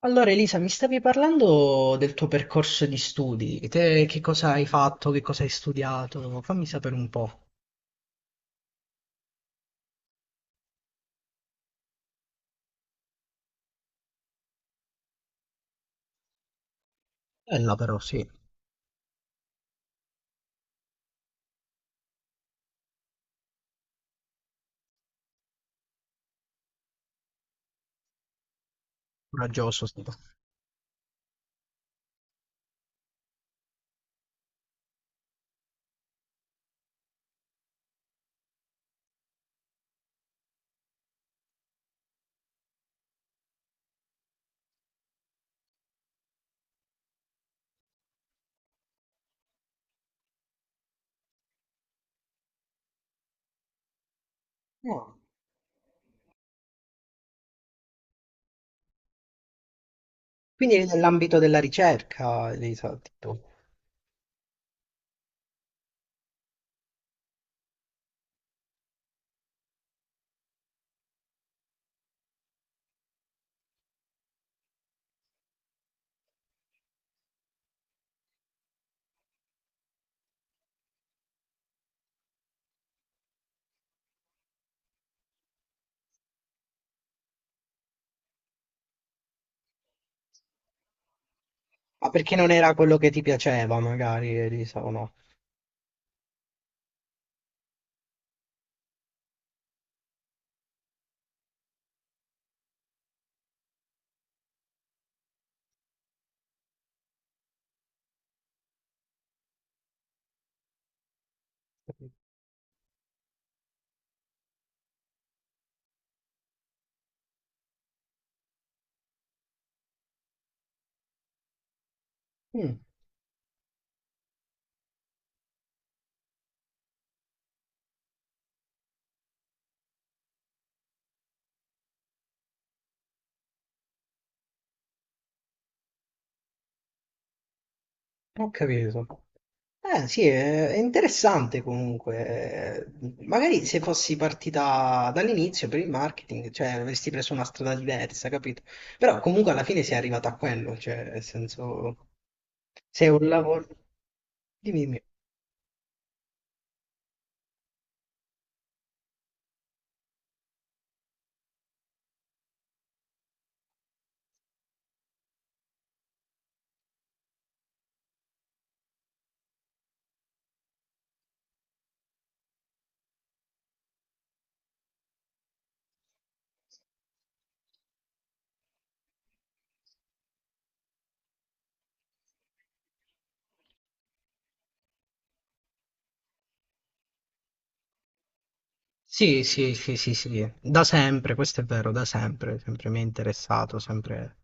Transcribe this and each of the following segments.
Allora Elisa, mi stavi parlando del tuo percorso di studi, te che cosa hai fatto, che cosa hai studiato, fammi sapere un po'. Bella però, sì, coraggioso stato. No. Quindi eri nell'ambito della ricerca, Elisa, tipo. Ah, perché non era quello che ti piaceva, magari, Elisa, o no? Mm, ho capito. Eh sì, è interessante comunque. Magari se fossi partita dall'inizio per il marketing, cioè avresti preso una strada diversa, capito? Però comunque alla fine sei arrivata a quello, cioè nel senso, se è un lavoro... Dimmi, dimmi. Sì, sì, sì, sì, sì, da sempre, questo è vero, da sempre, sempre mi è interessato, sempre,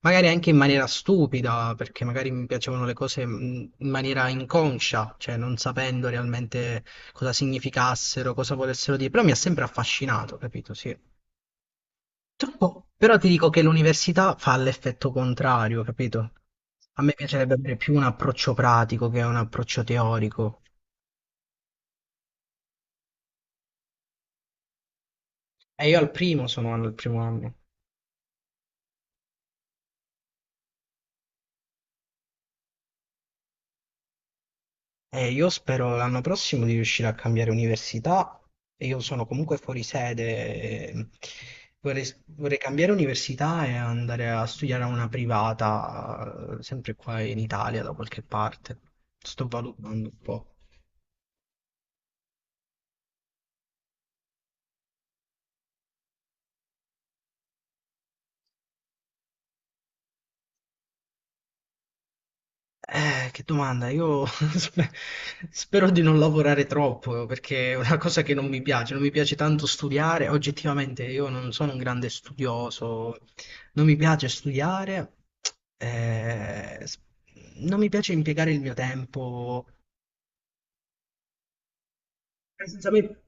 magari anche in maniera stupida, perché magari mi piacevano le cose in maniera inconscia, cioè non sapendo realmente cosa significassero, cosa volessero dire, però mi ha sempre affascinato, capito? Sì. Troppo. Però ti dico che l'università fa l'effetto contrario, capito? A me piacerebbe avere più un approccio pratico che un approccio teorico. E io al primo sono al primo anno. Io spero l'anno prossimo di riuscire a cambiare università. E io sono comunque fuori sede. E Vorrei, vorrei cambiare università e andare a studiare a una privata, sempre qua in Italia, da qualche parte. Sto valutando un po'. Che domanda, io spero di non lavorare troppo perché è una cosa che non mi piace, non mi piace tanto studiare, oggettivamente io non sono un grande studioso, non mi piace studiare, eh, s- non mi piace impiegare il mio tempo. Essenzialmente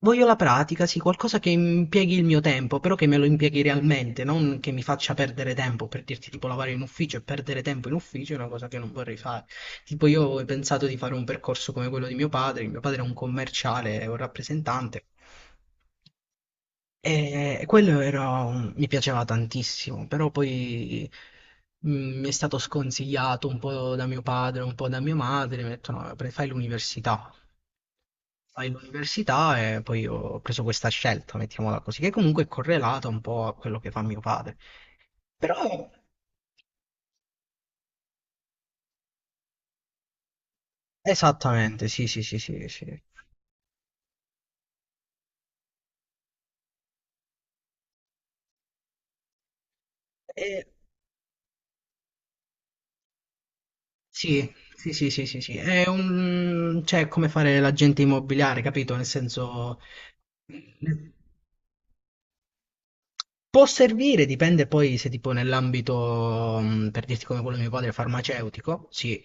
voglio la pratica, sì, qualcosa che impieghi il mio tempo, però che me lo impieghi realmente, non che mi faccia perdere tempo, per dirti tipo lavorare in ufficio e perdere tempo in ufficio è una cosa che non vorrei fare. Tipo io ho pensato di fare un percorso come quello di mio padre è un commerciale, è un rappresentante. E quello era mi piaceva tantissimo, però poi mi è stato sconsigliato un po' da mio padre, un po' da mia madre, mi ha detto no, fai l'università all'università e poi ho preso questa scelta, mettiamola così, che comunque è correlata un po' a quello che fa mio padre. Però esattamente, sì, sì, sì, sì, sì. E- sì, sì, sì, sì, sì, sì. È un... cioè, è come fare l'agente immobiliare, capito? Nel senso... Può servire, dipende poi se tipo nell'ambito, per dirti come quello di mio padre, farmaceutico, sì.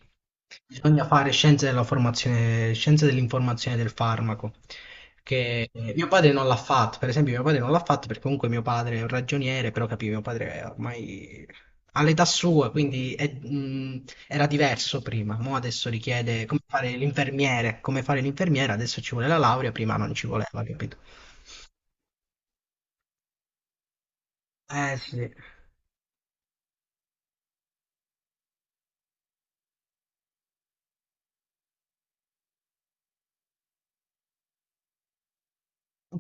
Bisogna fare scienze della formazione, scienze dell'informazione del farmaco, che mio padre non l'ha fatto, per esempio mio padre non l'ha fatto perché comunque mio padre è un ragioniere, però capì, mio padre è ormai all'età sua, era diverso prima, mo adesso richiede come fare l'infermiere, come fare l'infermiera, adesso ci vuole la laurea, prima non ci voleva, capito? Eh sì.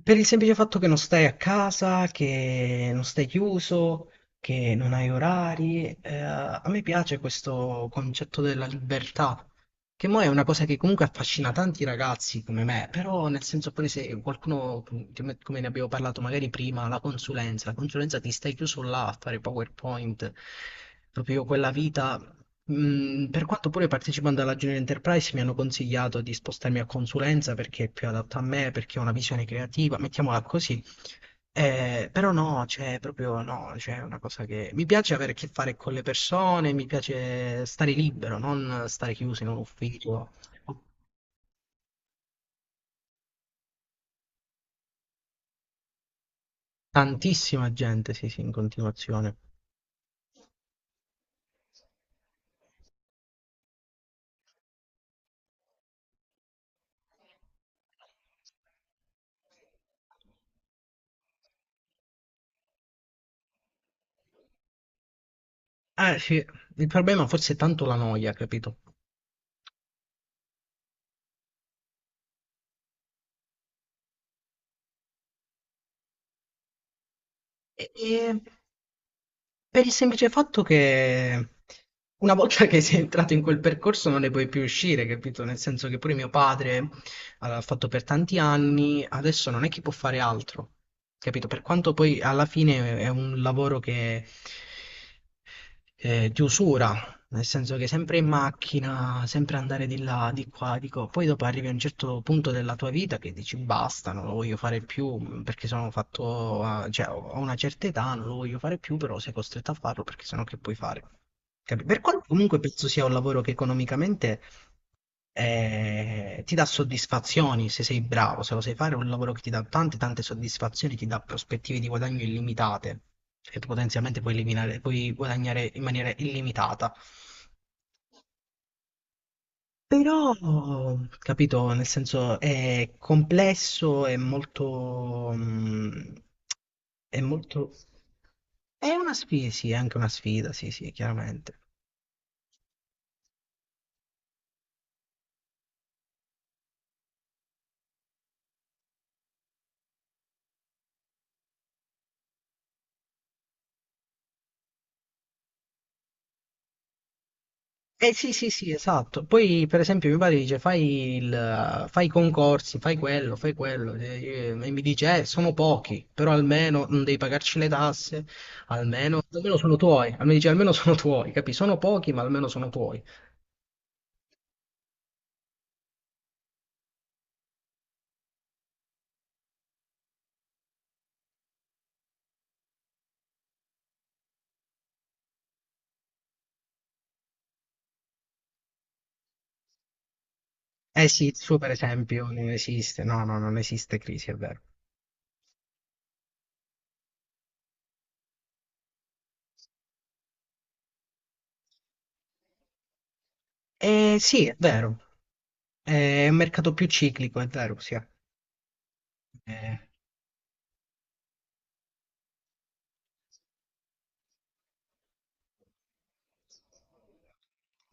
Per il semplice fatto che non stai a casa, che non stai chiuso, che non hai orari, a me piace questo concetto della libertà, che mo è una cosa che comunque affascina tanti ragazzi come me, però nel senso poi se qualcuno, come ne abbiamo parlato magari prima, la consulenza ti stai chiuso là a fare PowerPoint, proprio quella vita. Mm, per quanto pure partecipando alla Junior Enterprise mi hanno consigliato di spostarmi a consulenza perché è più adatto a me, perché ho una visione creativa, mettiamola così. Però no, cioè, proprio no, cioè, è una cosa che mi piace avere a che fare con le persone, mi piace stare libero, non stare chiuso in un ufficio. Ho tantissima gente, sì, sì, in continuazione. Eh sì, il problema forse è tanto la noia, capito? E per il semplice fatto che una volta che sei entrato in quel percorso non ne puoi più uscire, capito? Nel senso che pure mio padre ah, l'ha fatto per tanti anni, adesso non è che può fare altro, capito? Per quanto poi alla fine è un lavoro che di usura, nel senso che sempre in macchina, sempre andare di là, di qua, di qua. Poi dopo arrivi a un certo punto della tua vita che dici basta, non lo voglio fare più perché sono fatto, cioè ho una certa età, non lo voglio fare più, però sei costretto a farlo perché sennò che puoi fare? Per quanto comunque penso sia un lavoro che economicamente ti dà soddisfazioni se sei bravo, se lo sai fare, è un lavoro che ti dà tante tante soddisfazioni, ti dà prospettive di guadagno illimitate e potenzialmente puoi puoi guadagnare in maniera illimitata. Però, capito, nel senso è complesso, è molto, è molto, è una sfida, sì, è anche una sfida, sì, sì, chiaramente. Eh sì, sì, sì, esatto. Poi, per esempio, mio padre dice: fai, fai i concorsi, fai quello, fai quello. E mi dice: sono pochi, però almeno non devi pagarci le tasse, almeno, almeno sono tuoi. Almeno, dice, almeno sono tuoi, capi? Sono pochi, ma almeno sono tuoi. Eh sì, il suo, per esempio, non esiste. No, no, non esiste crisi, è vero. Eh sì, è vero. È un mercato più ciclico, è vero, sì. Eh,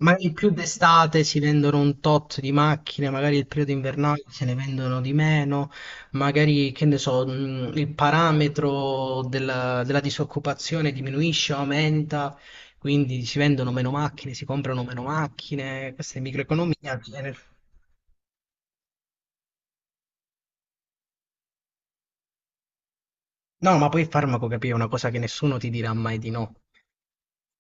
magari più d'estate si vendono un tot di macchine, magari il periodo invernale se ne vendono di meno, magari che ne so, il parametro della disoccupazione diminuisce o aumenta, quindi si vendono meno macchine, si comprano meno macchine, questa è microeconomia. Viene- No, ma poi il farmaco, capì, è una cosa che nessuno ti dirà mai di no.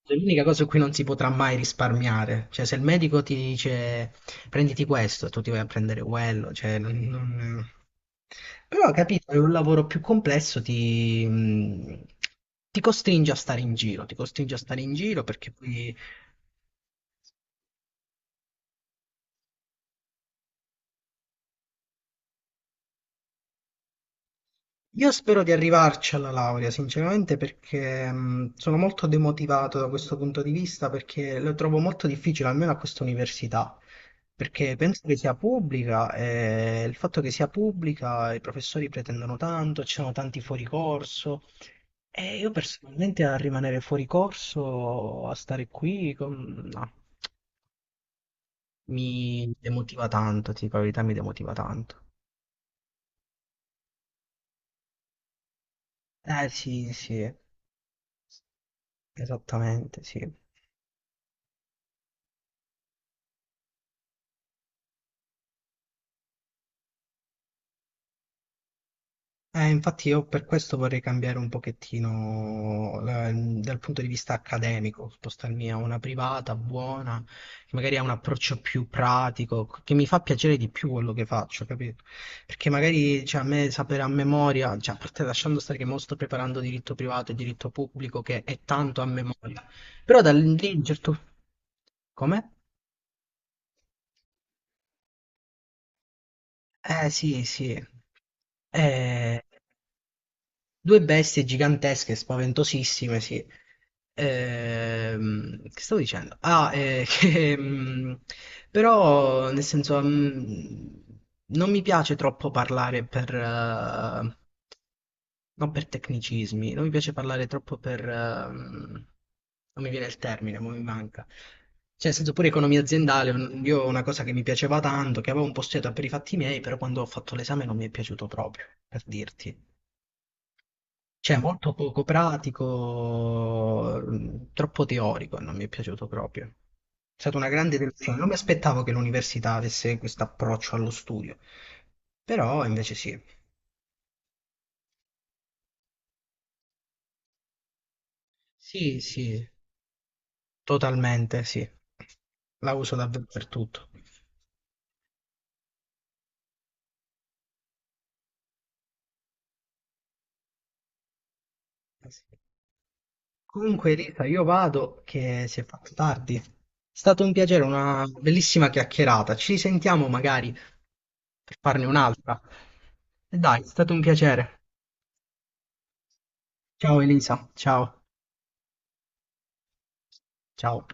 È l'unica cosa su cui non si potrà mai risparmiare. Cioè, se il medico ti dice prenditi questo, tu ti vai a prendere quello. Cioè, non- non- Però, capito, è un lavoro più complesso, ti costringe a stare in giro, ti costringe a stare in giro perché poi Io spero di arrivarci alla laurea, sinceramente, perché sono molto demotivato da questo punto di vista, perché lo trovo molto difficile, almeno a questa università, perché penso che sia pubblica e il fatto che sia pubblica, i professori pretendono tanto, ci sono tanti fuori corso e io personalmente a rimanere fuori corso, a stare qui, no, mi demotiva tanto, ti dico la verità, mi demotiva tanto. Eh sì, sì, esattamente, sì. Infatti io per questo vorrei cambiare un pochettino dal punto di vista accademico, spostarmi a una privata buona, che magari ha un approccio più pratico, che mi fa piacere di più quello che faccio, capito? Perché magari cioè, a me sapere a memoria, cioè, a parte lasciando stare che mo sto preparando diritto privato e diritto pubblico, che è tanto a memoria, però da lì, certo... Come? Eh sì, sì. Eh, due bestie gigantesche, spaventosissime, sì. Che stavo dicendo? Ah, che, però nel senso non mi piace troppo parlare per, non per tecnicismi, non mi piace parlare troppo per... non mi viene il termine, ma mi manca. Cioè, nel senso pure economia aziendale, io una cosa che mi piaceva tanto, che avevo un po' studiato per i fatti miei, però quando ho fatto l'esame non mi è piaciuto proprio, per dirti. Cioè, molto poco pratico, troppo teorico, non mi è piaciuto proprio. È stata una grande delusione. Non mi aspettavo che l'università avesse questo approccio allo studio, però invece sì. Sì, sì, totalmente sì. La uso davvero per tutto. Sì. Comunque, Rita, io vado che si è fatto tardi. È stato un piacere, una bellissima chiacchierata. Ci risentiamo magari per farne un'altra. E dai, è stato un piacere. Ciao Elisa, ciao. Ciao.